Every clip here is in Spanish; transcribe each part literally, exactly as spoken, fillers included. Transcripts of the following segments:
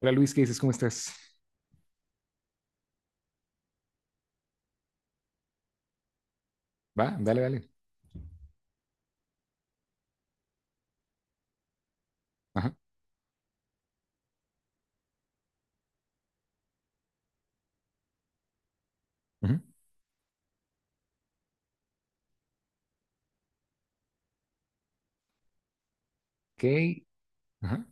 Hola Luis, ¿qué dices? ¿Cómo estás? Va, dale, dale. Ajá. Ujú. Ok. Ajá.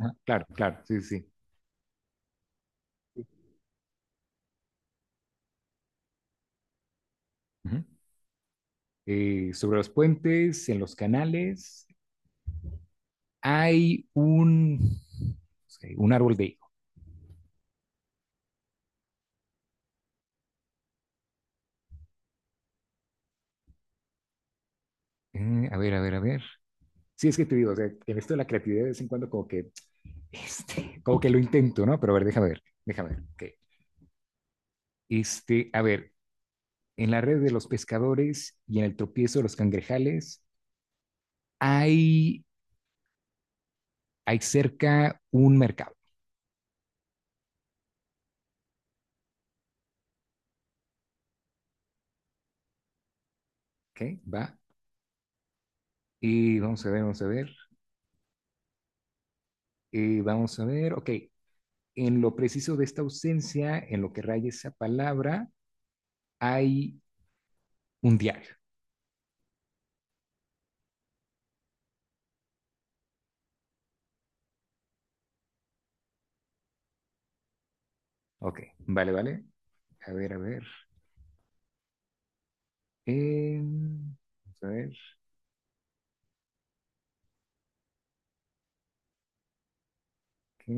Ajá, claro, claro, sí, sí. Sí, ujú. Eh, sobre los puentes, en los canales, hay un, sí, un árbol de higo. Eh, a ver, a ver, a ver. Sí, es que te digo, o sea, en esto de la creatividad de vez en cuando como que, este, como que lo intento, ¿no? Pero a ver, déjame ver, déjame ver. Ok. Este, a ver, en la red de los pescadores y en el tropiezo de los cangrejales hay, hay cerca un mercado. Ok, va. Y vamos a ver, vamos a ver. Y vamos a ver, ok. En lo preciso de esta ausencia, en lo que raya esa palabra, hay un diario. Ok, vale, vale. A ver, a ver. eh, vamos a ver. ¿Qué?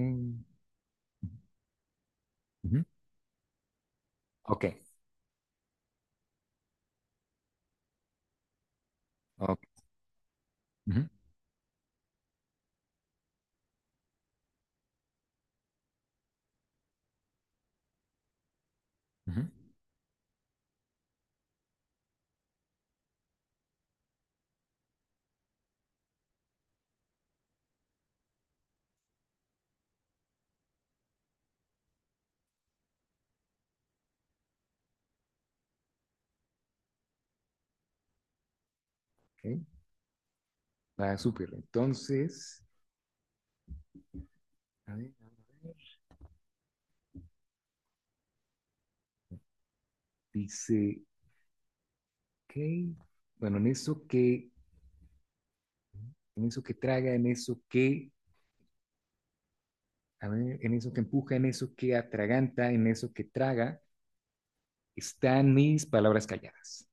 Ok, ok. Ujú, ujú, ok. Va, súper. Entonces, a ver, a ver, dice, ok. Bueno, en eso que, en eso que traga, en eso que en eso que empuja, en eso que atraganta, en eso que traga, están mis palabras calladas.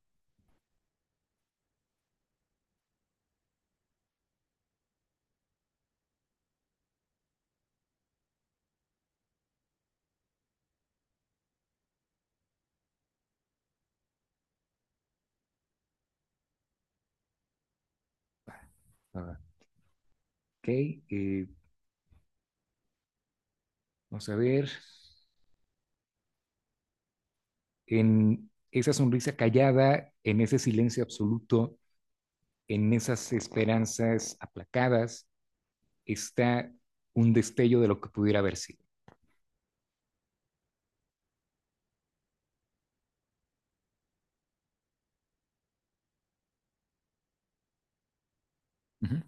Ah, ok, eh, vamos a ver, en esa sonrisa callada, en ese silencio absoluto, en esas esperanzas aplacadas, está un destello de lo que pudiera haber sido. Uh -huh.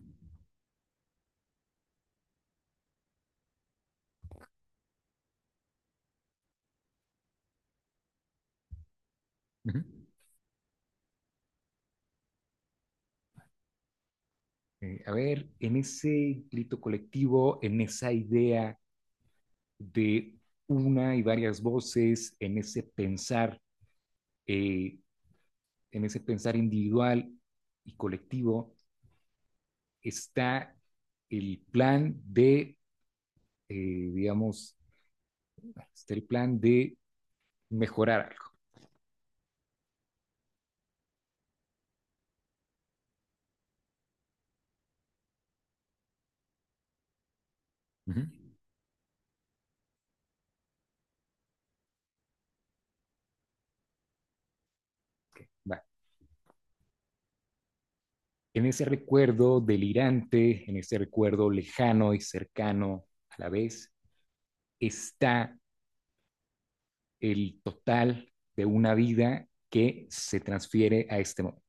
Uh -huh. Eh, a ver, en ese grito colectivo, en esa idea de una y varias voces, en ese pensar eh, en ese pensar individual y colectivo, está el plan de, eh, digamos, está el plan de mejorar algo. Uh -huh. Vale. En ese recuerdo delirante, en ese recuerdo lejano y cercano a la vez, está el total de una vida que se transfiere a este momento.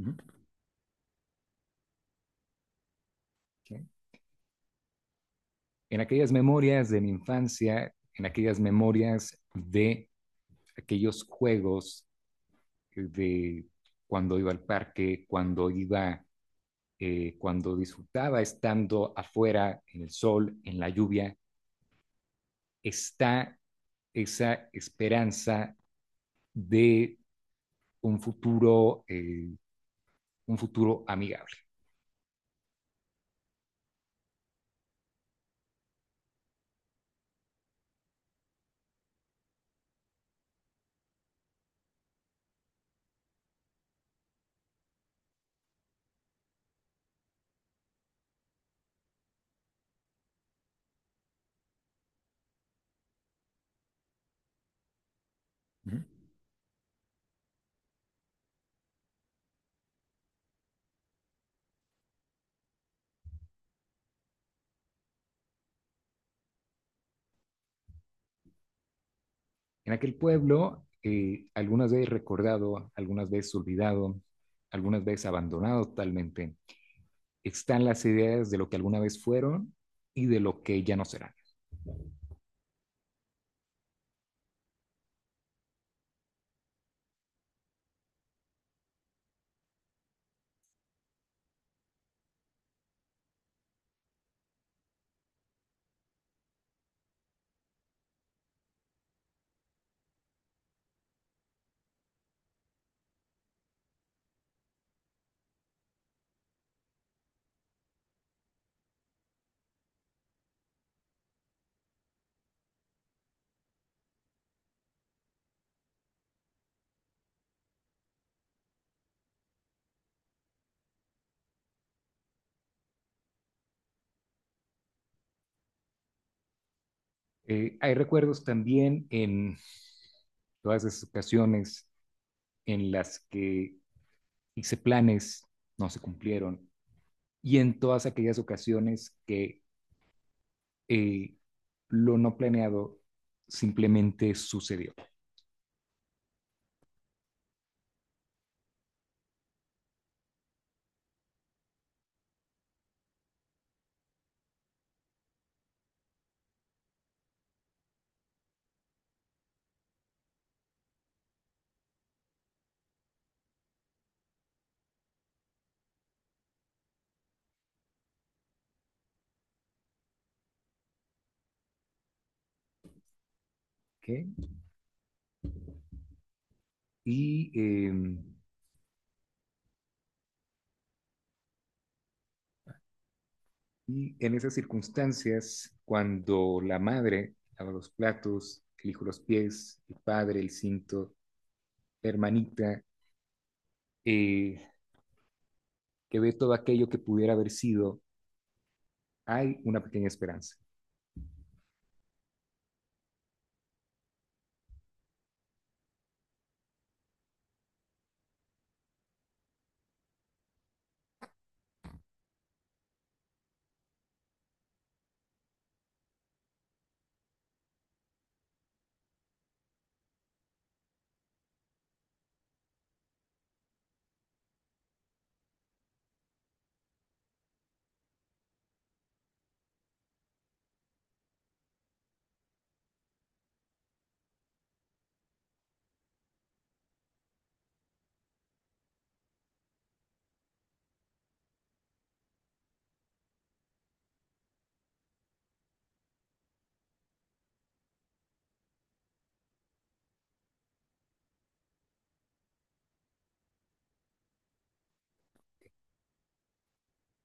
Uh -huh. ¿Okay? En aquellas memorias de mi infancia, en aquellas memorias de aquellos juegos de cuando iba al parque, cuando iba, eh, cuando disfrutaba estando afuera, en el sol, en la lluvia, está esa esperanza de un futuro, eh, un futuro amigable. Uh -huh. En aquel pueblo, eh, algunas veces recordado, algunas veces olvidado, algunas veces abandonado totalmente, están las ideas de lo que alguna vez fueron y de lo que ya no serán. Eh, hay recuerdos también en todas esas ocasiones en las que hice planes, no se cumplieron, y en todas aquellas ocasiones que eh, lo no planeado simplemente sucedió. ¿Okay? Y, eh, y, en esas circunstancias, cuando la madre lava los platos, elijo los pies, el padre, el cinto, la hermanita, eh, que ve todo aquello que pudiera haber sido, hay una pequeña esperanza.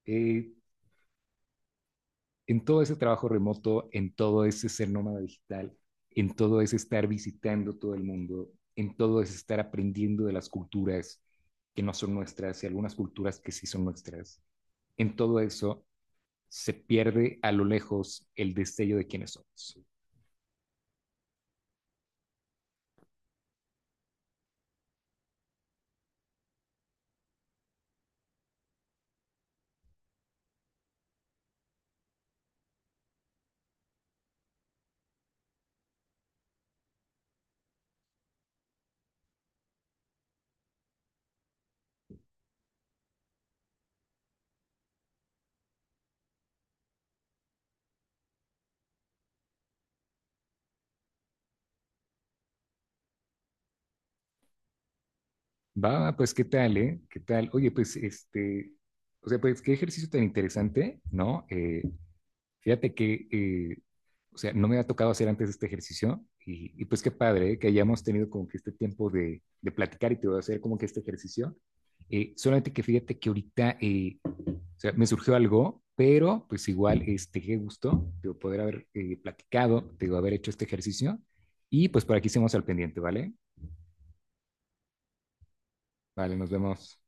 Eh, en todo ese trabajo remoto, en todo ese ser nómada digital, en todo ese estar visitando todo el mundo, en todo ese estar aprendiendo de las culturas que no son nuestras y algunas culturas que sí son nuestras, en todo eso se pierde a lo lejos el destello de quiénes somos. Va, pues qué tal, ¿eh? ¿Qué tal? Oye, pues este, o sea, pues qué ejercicio tan interesante, ¿no? Eh, fíjate que eh, o sea, no me ha tocado hacer antes este ejercicio y, y pues qué padre, ¿eh?, que hayamos tenido como que este tiempo de, de platicar y te voy a hacer como que este ejercicio. Eh, solamente que fíjate que ahorita eh, o sea, me surgió algo, pero pues igual, este, qué gusto de poder haber eh, platicado, de haber hecho este ejercicio. Y pues por aquí seguimos al pendiente, ¿vale? Vale, nos vemos.